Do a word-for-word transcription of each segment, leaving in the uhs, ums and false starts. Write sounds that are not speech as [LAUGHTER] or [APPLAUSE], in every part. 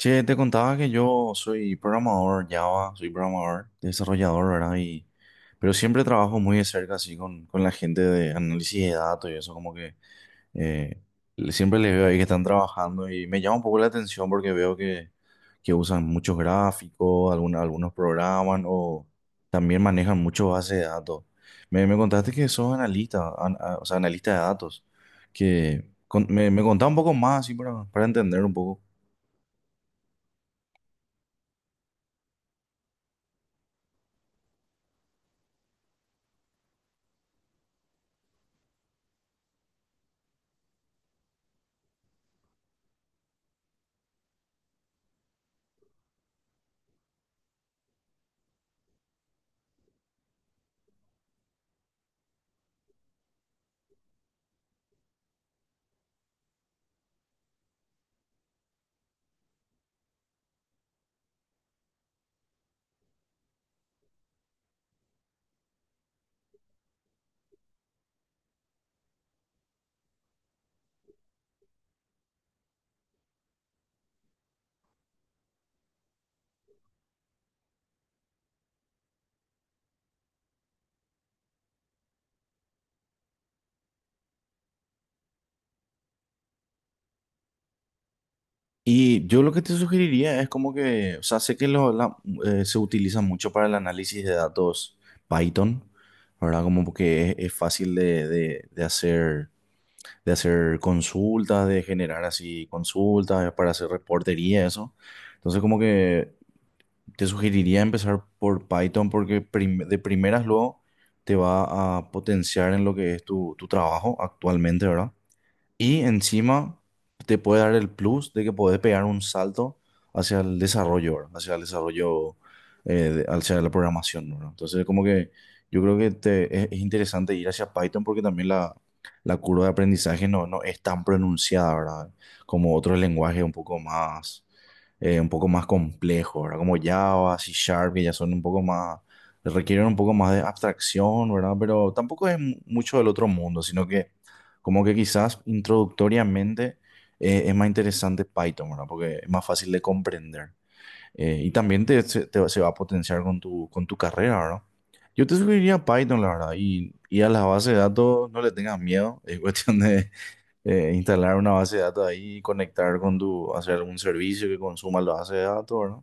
Che, te contaba que yo soy programador Java, soy programador, desarrollador, ¿verdad? Y, pero siempre trabajo muy de cerca así con, con la gente de análisis de datos y eso, como que eh, le- siempre les veo ahí que están trabajando y me llama un poco la atención porque veo que, que usan muchos gráficos, alguna- algunos programan o también manejan mucho base de datos. Me, me contaste que sos analista, an- a- o sea, analista de datos, que con- me, me contá un poco más así para, para entender un poco. Y yo lo que te sugeriría es como que, o sea, sé que lo, la- eh, se utiliza mucho para el análisis de datos Python, ¿verdad? Como que es, es fácil de, de- de hacer, de hacer consultas, de generar así consultas, para hacer reportería, eso. Entonces, como que te sugeriría empezar por Python porque prim- de primeras luego te va a potenciar en lo que es tu, tu trabajo actualmente, ¿verdad? Y encima te puede dar el plus de que podés pegar un salto hacia el desarrollo, ¿verdad? Hacia el desarrollo, eh, de- hacia la programación, ¿verdad? Entonces, como que yo creo que te- es, es interesante ir hacia Python porque también la, la curva de aprendizaje no, no es tan pronunciada, ¿verdad? Como otros lenguajes un poco más, eh, un poco más complejos, ¿verdad? Como Java, C Sharp, que ya son un poco más, requieren un poco más de abstracción, ¿verdad? Pero tampoco es mu- mucho del otro mundo, sino que como que quizás introductoriamente eh, es más interesante Python, ¿verdad? Porque es más fácil de comprender. Eh, y también te, se, te- se va a potenciar con tu, con tu carrera, ¿verdad? Yo te sugeriría Python, la verdad. Y, y a las bases de datos no le tengas miedo. [LAUGHS] Es cuestión de [LAUGHS] eh, instalar una base de datos ahí y conectar con tu, hacer algún servicio que consuma la base de datos, ¿verdad?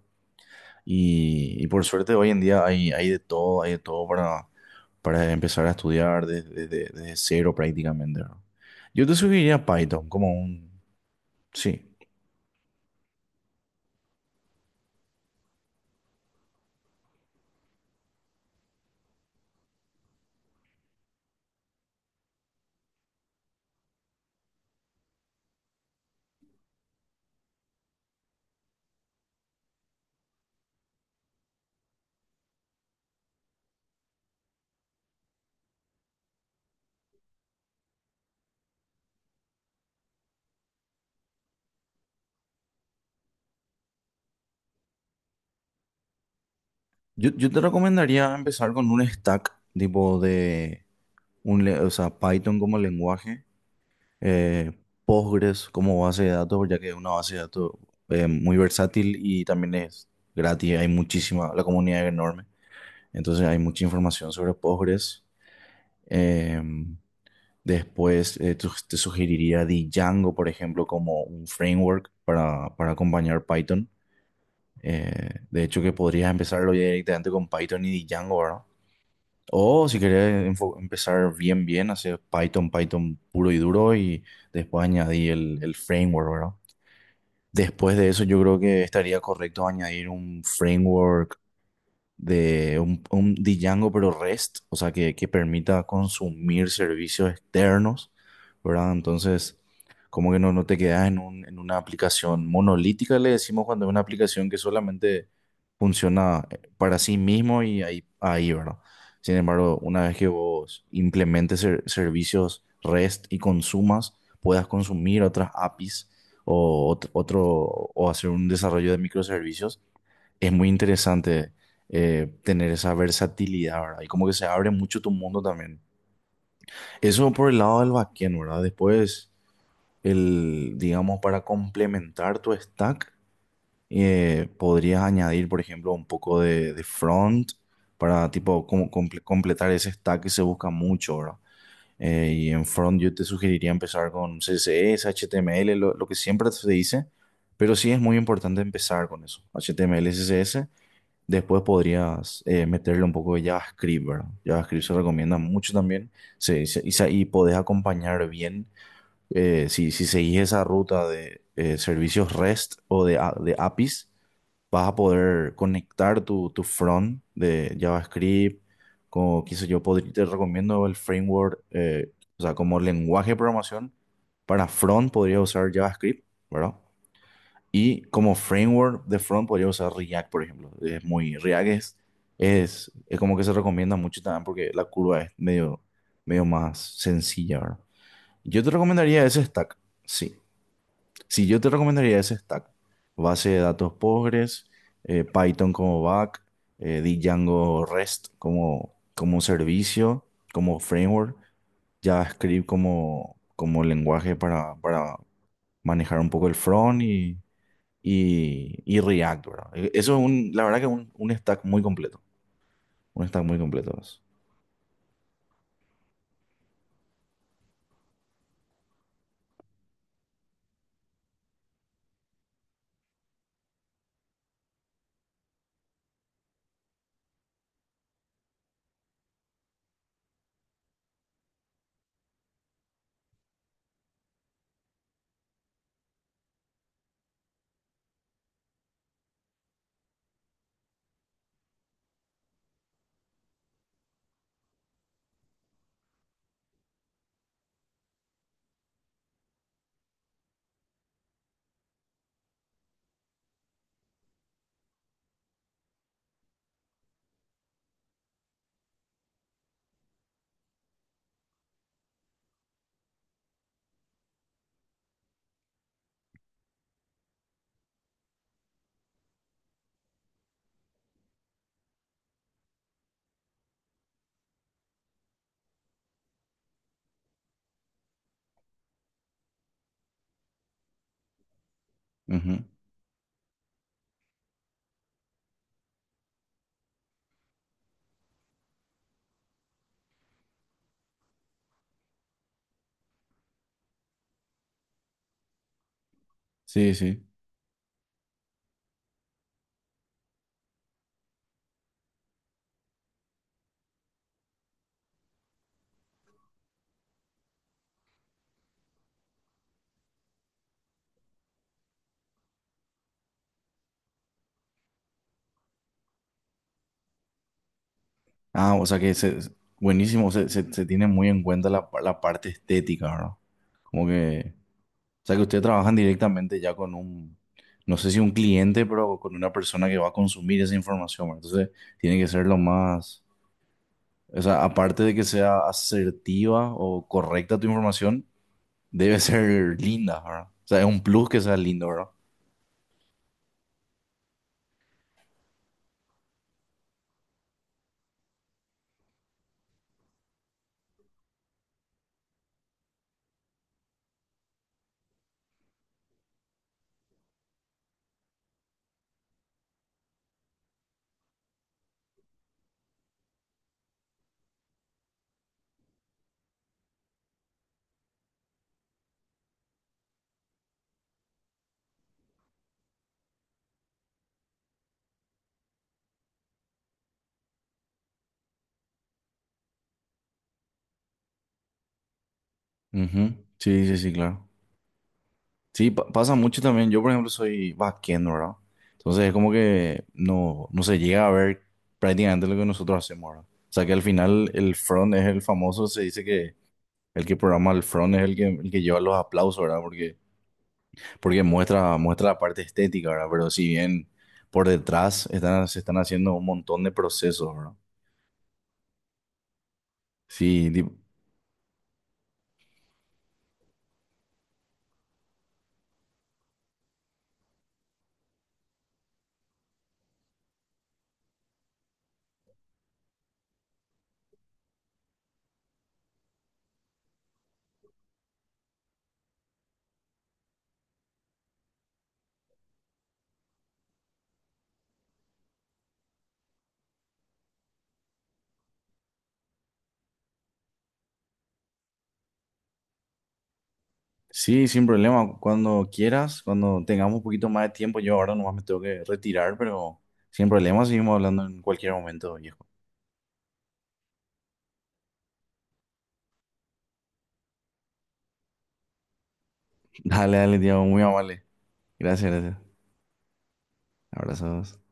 Y, y por suerte hoy en día hay, hay de todo, hay de todo para, para empezar a estudiar desde, desde- desde cero prácticamente, ¿verdad? Yo te sugeriría Python como un... Sí. Yo, yo te recomendaría empezar con un stack tipo de... Un, le- o sea, Python como lenguaje, eh, Postgres como base de datos, ya que es una base de datos eh, muy versátil y también es gratis, hay muchísima, la comunidad es enorme, entonces hay mucha información sobre Postgres. Em, Después eh, tu- te sugeriría Django, por ejemplo, como un framework para, para acompañar Python. Eh, de hecho, que podrías empezarlo ya directamente con Python y Django, ¿verdad? O si querés enfo- empezar bien, bien, hacer Python, Python puro y duro y después añadir el, el framework, ¿verdad? Después de eso, yo creo que estaría correcto añadir un framework de un, un Django pero REST, o sea, que, que permita consumir servicios externos, ¿verdad? Entonces, como que no, no te quedas en un- en una aplicación monolítica, le decimos cuando es una aplicación que solamente funciona eh, para sí mismo y ahí, ahí, ¿verdad? Sin embargo, una vez que vos implementes ser- servicios REST y consumas, puedas consumir otras A P Is o ot- otro, o hacer un desarrollo de microservicios es muy interesante eh, tener esa versatilidad, ¿verdad? Y como que se abre mucho tu mundo también. Eso por el lado del backend, ¿verdad? Después, el, digamos, para complementar tu stack, eh, podrías añadir, por ejemplo, un poco de, de front para, tipo, como comple- completar ese stack que se busca mucho, ¿verdad? Eh, y en front yo te sugeriría empezar con C S S, H T M L, lo, lo que siempre se dice, pero sí es muy importante empezar con eso, H T M L, C S S. Después podrías eh, meterle un poco de JavaScript, ¿verdad? JavaScript se recomienda mucho también, se- se- y, sa- y podés acompañar bien, eh, si, si seguís esa ruta de eh, servicios REST o de, a- de A P Is, vas a poder conectar tu, tu front de JavaScript, como qué sé yo, podría, te recomiendo el framework, eh, o sea, como lenguaje de programación para front podría usar JavaScript, ¿verdad? Y como framework de front podría usar React, por ejemplo. Es muy, React es, es, es como que se recomienda mucho también porque la curva es medio, medio más sencilla, ¿verdad? Yo te recomendaría ese stack, sí. Sí, yo te recomendaría ese stack. Base de datos Postgres, eh, Python como back, eh, Django REST como, como servicio, como framework, JavaScript como, como lenguaje para, para manejar un poco el front y y, y React, ¿verdad? E- Eso es un, la verdad que es un, un stack muy completo. Un stack muy completo es. Ujú. Sí, sí. Ah, o sea que se- es buenísimo, se, se- se tiene muy en cuenta la, pa- la parte estética, ¿verdad? Como que, o sea que ustedes trabajan directamente ya con un, no sé si un cliente, pero con una persona que va a consumir esa información, ¿verdad? Entonces, tiene que ser lo más, o sea, aparte de que sea asertiva o correcta tu información, debe ser linda, ¿verdad? O sea, es un plus que sea lindo. Ujú. Sí, sí, sí, claro. Sí, pa- pasa mucho también. Yo, por ejemplo, soy backend, ¿verdad? Entonces es como que no, no se llega a ver prácticamente lo que nosotros hacemos, ¿verdad? O sea que al final el front es el famoso, se dice que el que programa el front es el que, el que lleva los aplausos, ¿verdad? Porque, porque muestra, muestra la parte estética, ¿verdad? Pero si bien por detrás están, se están haciendo un montón de procesos, ¿verdad? Sí, sí, sin problema. Cuando quieras, cuando tengamos un poquito más de tiempo, yo ahora nomás me tengo que retirar, pero sin problema, seguimos hablando en cualquier momento, viejo. [LAUGHS] Dale, dale, Diego, muy amable. Gracias, gracias. Abrazos.